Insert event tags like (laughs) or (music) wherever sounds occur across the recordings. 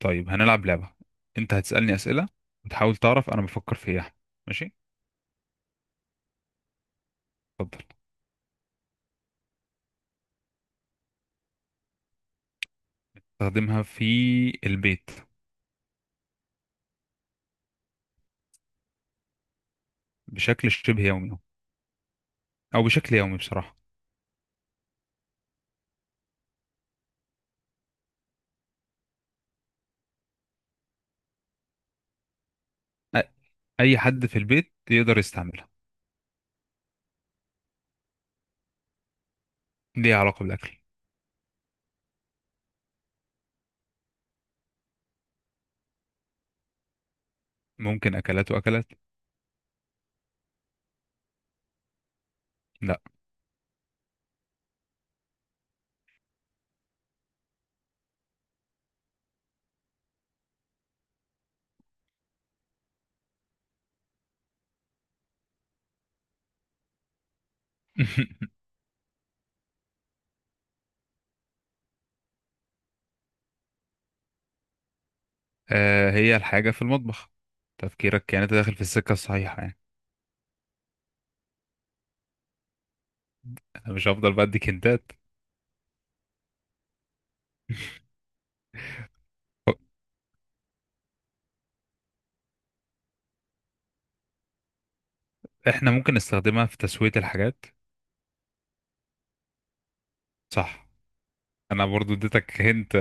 طيب هنلعب لعبة. انت هتسألني أسئلة وتحاول تعرف انا بفكر في ايه، أحمد. ماشي. اتفضل. استخدمها في البيت. بشكل شبه يومي او بشكل يومي بصراحة. أ- اي حد في البيت يقدر يستعملها. ليها علاقة بالاكل. ممكن اكلات واكلات. لا. (laughs) هي الحاجة في المطبخ. تفكيرك كانت داخل في السكة الصحيحة يعني. انا مش هفضل بديك هنتات. (laughs) احنا ممكن نستخدمها في تسوية الحاجات. صح. انا برضو اديتك هنت.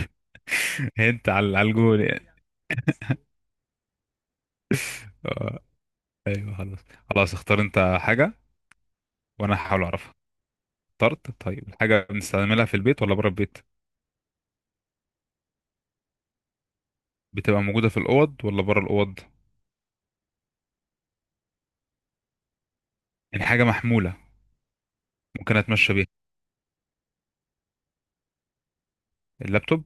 (laughs) هنت على الجول يعني. آه، ايوه، خلاص. خلاص، اختار انت حاجه وانا هحاول اعرفها. اخترت؟ طيب، الحاجه بنستعملها في البيت ولا بره البيت؟ بتبقى موجوده في الاوض ولا بره الاوض؟ يعني حاجه محموله؟ ممكن اتمشى بيها؟ اللابتوب؟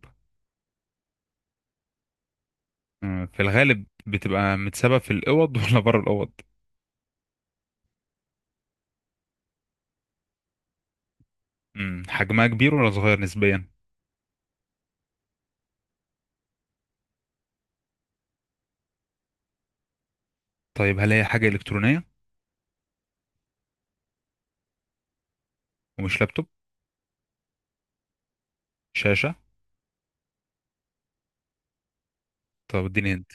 في الغالب بتبقى متسابه في الاوض. (laughs) ولا بره الاوض؟ حجمها كبير ولا صغير نسبيا؟ طيب، هل هي حاجه الكترونيه؟ ومش لابتوب؟ شاشه؟ طب اديني هنت.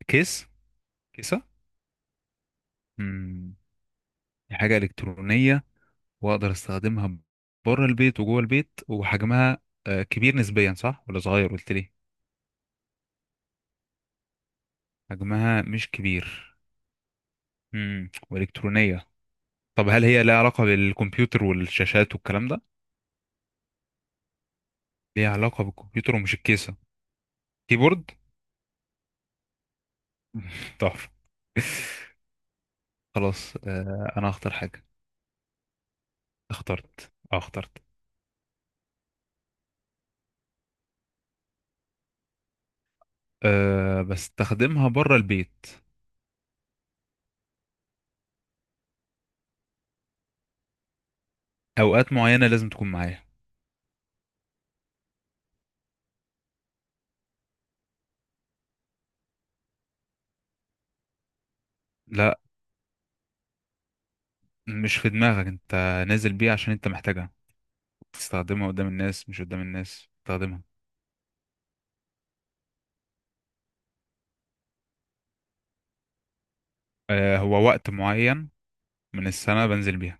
الكيس؟ كيسه؟ مم. دي حاجة إلكترونية وأقدر أستخدمها بره البيت وجوه البيت، وحجمها كبير نسبيا، صح ولا صغير، قلت لي؟ حجمها مش كبير. وإلكترونية. طب هل هي لها علاقة بالكمبيوتر والشاشات والكلام ده؟ ليها علاقة بالكمبيوتر ومش الكيسة. كيبورد! (laughs) تحفة. خلاص أنا هختار حاجة. اخترت. بستخدمها بره البيت. أوقات معينة لازم تكون معايا. لا، مش في دماغك انت. نازل بيها عشان انت محتاجها. تستخدمها قدام الناس، مش قدام الناس تستخدمها. هو وقت معين من السنة بنزل بيها.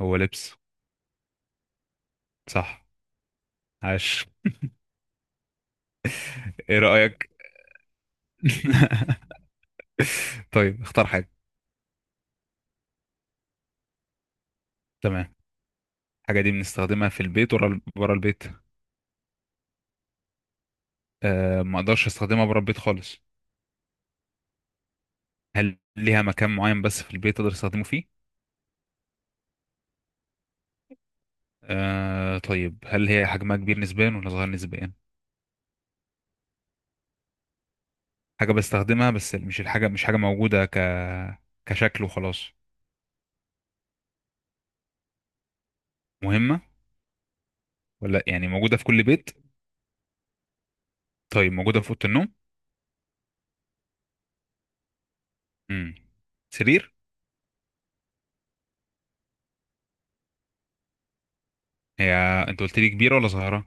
هو لبس. صح. عاش. (laughs) ايه رأيك؟ (laughs) طيب اختار حاجة. تمام. الحاجة دي بنستخدمها في البيت ورا البيت؟ ما اقدرش استخدمها بره البيت خالص. هل ليها مكان معين بس في البيت اقدر استخدمه فيه؟ طيب، هل هي حجمها كبير نسبيا ولا صغير نسبيا؟ حاجة بستخدمها بس مش حاجة موجودة ك كشكل وخلاص. مهمة ولا يعني موجودة في كل بيت؟ طيب موجودة في أوضة النوم. امم سرير؟ هي أنت قلت لي كبيرة ولا صغيرة؟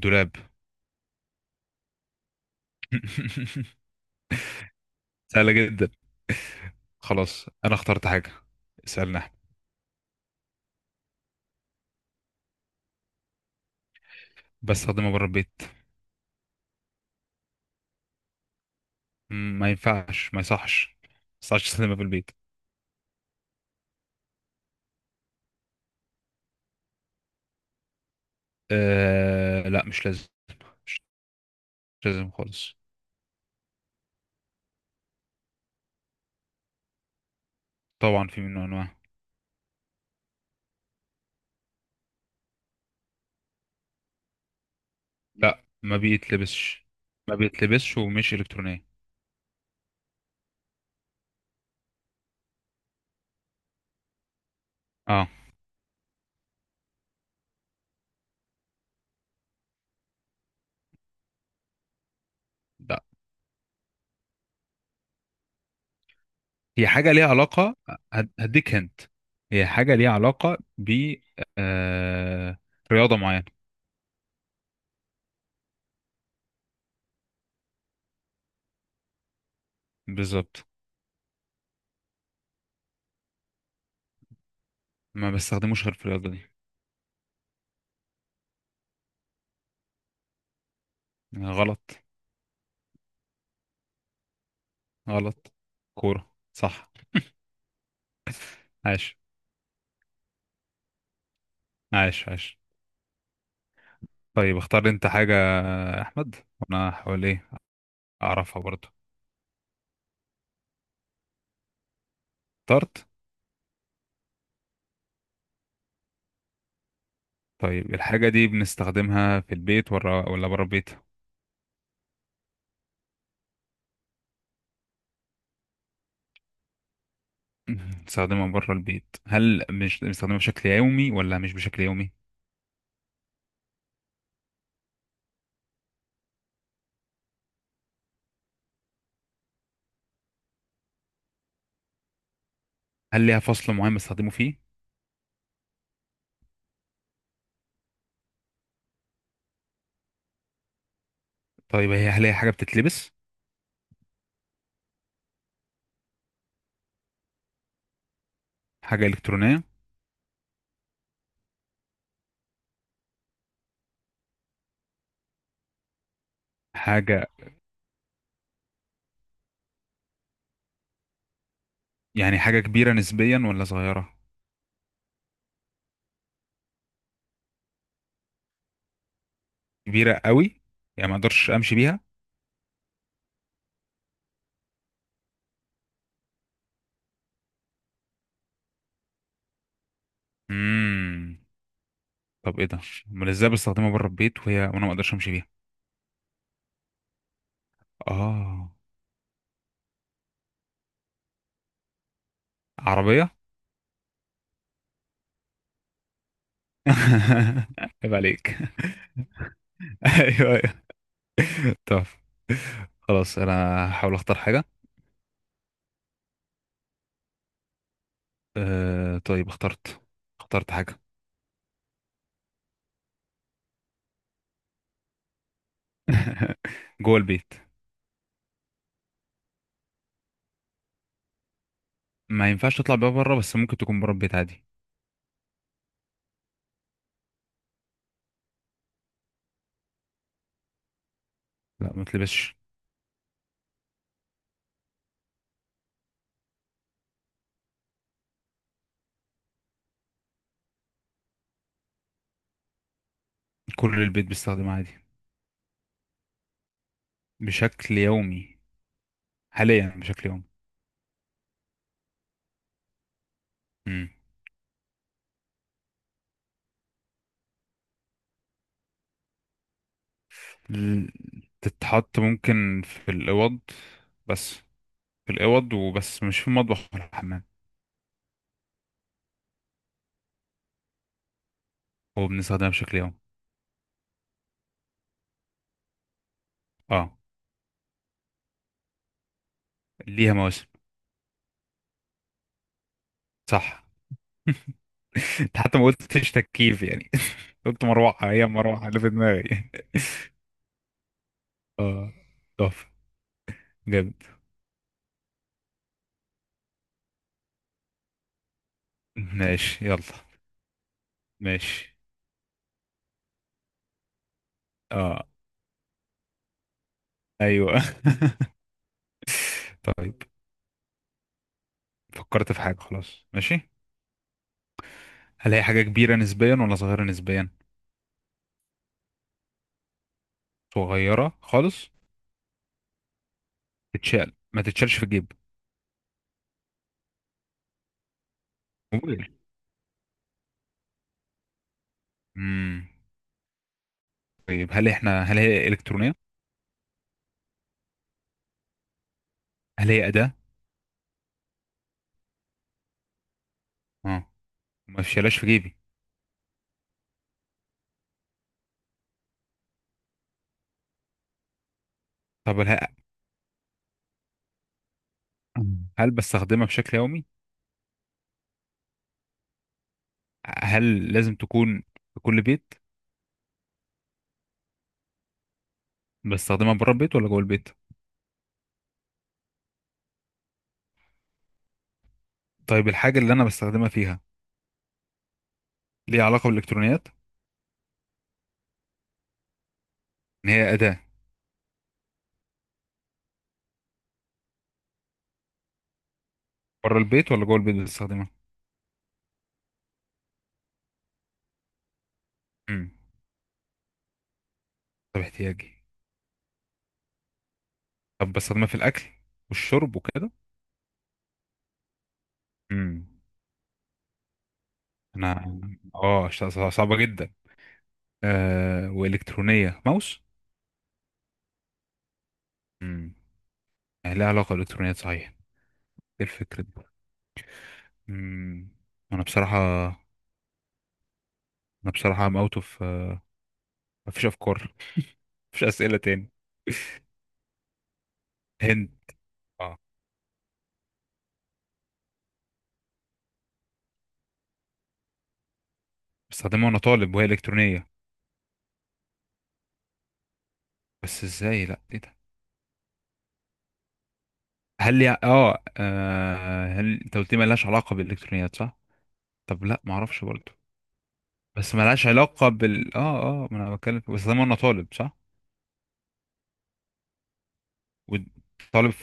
دولاب؟ (laughs) سهلة جدا. خلاص أنا اخترت حاجة، اسألنا احنا. بستخدمها بره البيت. ما ينفعش، ما يصحش تستخدمها في البيت. لا، مش لازم. مش لازم خالص. طبعا في منه أنواع. لا، ما بيتلبسش. ما بيتلبسش ومش إلكترونية. اه. ده هي حاجة ليها علاقة. هديك هنت. هي حاجة ليها علاقة ب آه... رياضة معينة. بالظبط. ما بستخدموش غير في الرياضة دي. غلط. غلط. كورة صح. عاش. عاش عاش. طيب اختار انت حاجة يا أحمد، وأنا هحاول أعرفها برضه. اخترت. طيب الحاجة دي بنستخدمها في البيت ولا بره البيت؟ (laughs) بنستخدمها بره البيت. هل مش بنستخدمها بشكل يومي ولا مش بشكل يومي؟ هل ليها فصل معين بنستخدمه فيه؟ طيب هل هي حاجة بتتلبس؟ حاجة إلكترونية؟ حاجة يعني، حاجة كبيرة نسبيا ولا صغيرة؟ كبيرة قوي؟ يعني ما اقدرش امشي بيها؟ امم. طب ايه ده؟ امال ازاي بستخدمها بره البيت وانا ما اقدرش امشي بيها؟ اه. عربية؟ (laughs) عيب عليك. (laughs) ايوه، ايوه. طب خلاص، انا هحاول اختار حاجة. طيب اخترت. اخترت حاجة. (laughs) جوه البيت. ما ينفعش تطلع بيها بره، بس ممكن تكون بره البيت عادي. لا، ما تلبسش. كل البيت بيستخدمها عادي. بشكل يومي. حاليا بشكل يومي. امم. تتحط ممكن في الأوض بس. في الأوض وبس، مش في المطبخ ولا الحمام. هو بنستخدمها بشكل يومي. اه. ليها مواسم. صح. (laughs) انت حتى ما قلتش تكييف يعني. (laughs) قلت مروحة، هي المروحة اللي في دماغي. (laughs) اه. تحفة. جامد. ماشي يلا. ماشي. اه. ايوه. (laughs) طيب فكرت في حاجة خلاص، ماشي. هلاقي حاجة كبيرة نسبيا ولا صغيرة نسبيا؟ صغيرة خالص؟ تتشال، ما تتشالش في الجيب؟ موبايل؟ امم. طيب، هل هي إلكترونية؟ هل هي أداة؟ اه. ما تشالهاش في جيبي؟ طب هل بستخدمها بشكل يومي؟ هل لازم تكون في كل بيت؟ بستخدمها بره البيت ولا جوه البيت؟ طيب الحاجة اللي انا بستخدمها فيها ليها علاقة بالإلكترونيات؟ ان هي أداة؟ بره البيت ولا جوه البيت بستخدمها؟ امم. طب احتياجي. طب بستخدمها في الأكل والشرب وكده؟ امم. انا اه ش- صع- صعبة جدا. والكترونية، ماوس؟ امم. لها علاقة بالالكترونيات صحيح. ايه الفكرة دي؟ امم. انا بصراحة انا بصراحة ام اوت اوف. مفيش افكار. مفيش اسئلة تاني. هند؟ اه. بستخدمها وانا طالب وهي الكترونية. بس ازاي؟ لا، ايه ده؟ هل انت قلت لي ملهاش علاقة بالالكترونيات، صح؟ طب لا، ما اعرفش برضه. بس ملهاش علاقة بال اه اه ما انا بتكلم، بستخدمها وانا طالب صح؟ وطالب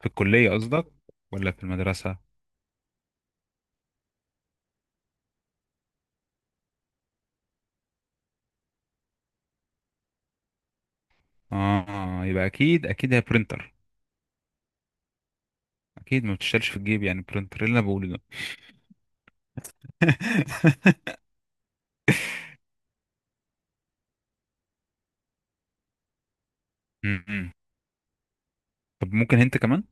في الكلية قصدك ولا في المدرسة؟ اه يبقى، اكيد اكيد هي برينتر. اكيد ما بتشتغلش في الجيب، يعني برينتر اللي انا بقوله ده. (laughs) م-م. طب ممكن انت كمان.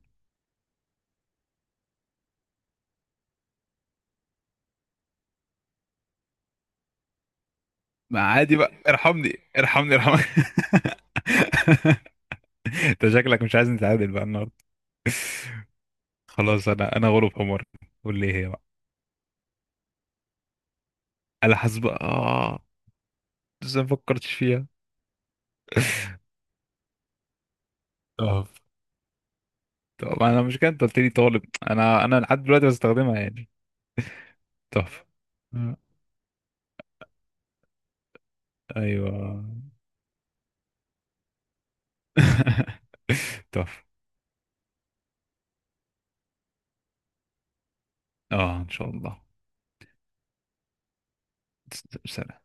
ما عادي بقى، ارحمني ارحمني ارحمني. (laughs) انت شكلك مش عايز نتعادل بقى النهارده. خلاص، انا غلب حمار. قول لي إيه هي بقى. انا حاسب اه لسه ما فكرتش فيها. طب طب انا مش كده، انت قلت لي طالب. انا لحد دلوقتي بستخدمها يعني. طب. آه. ايوه. (laughs) تحفة. اه ان شاء الله. سلام.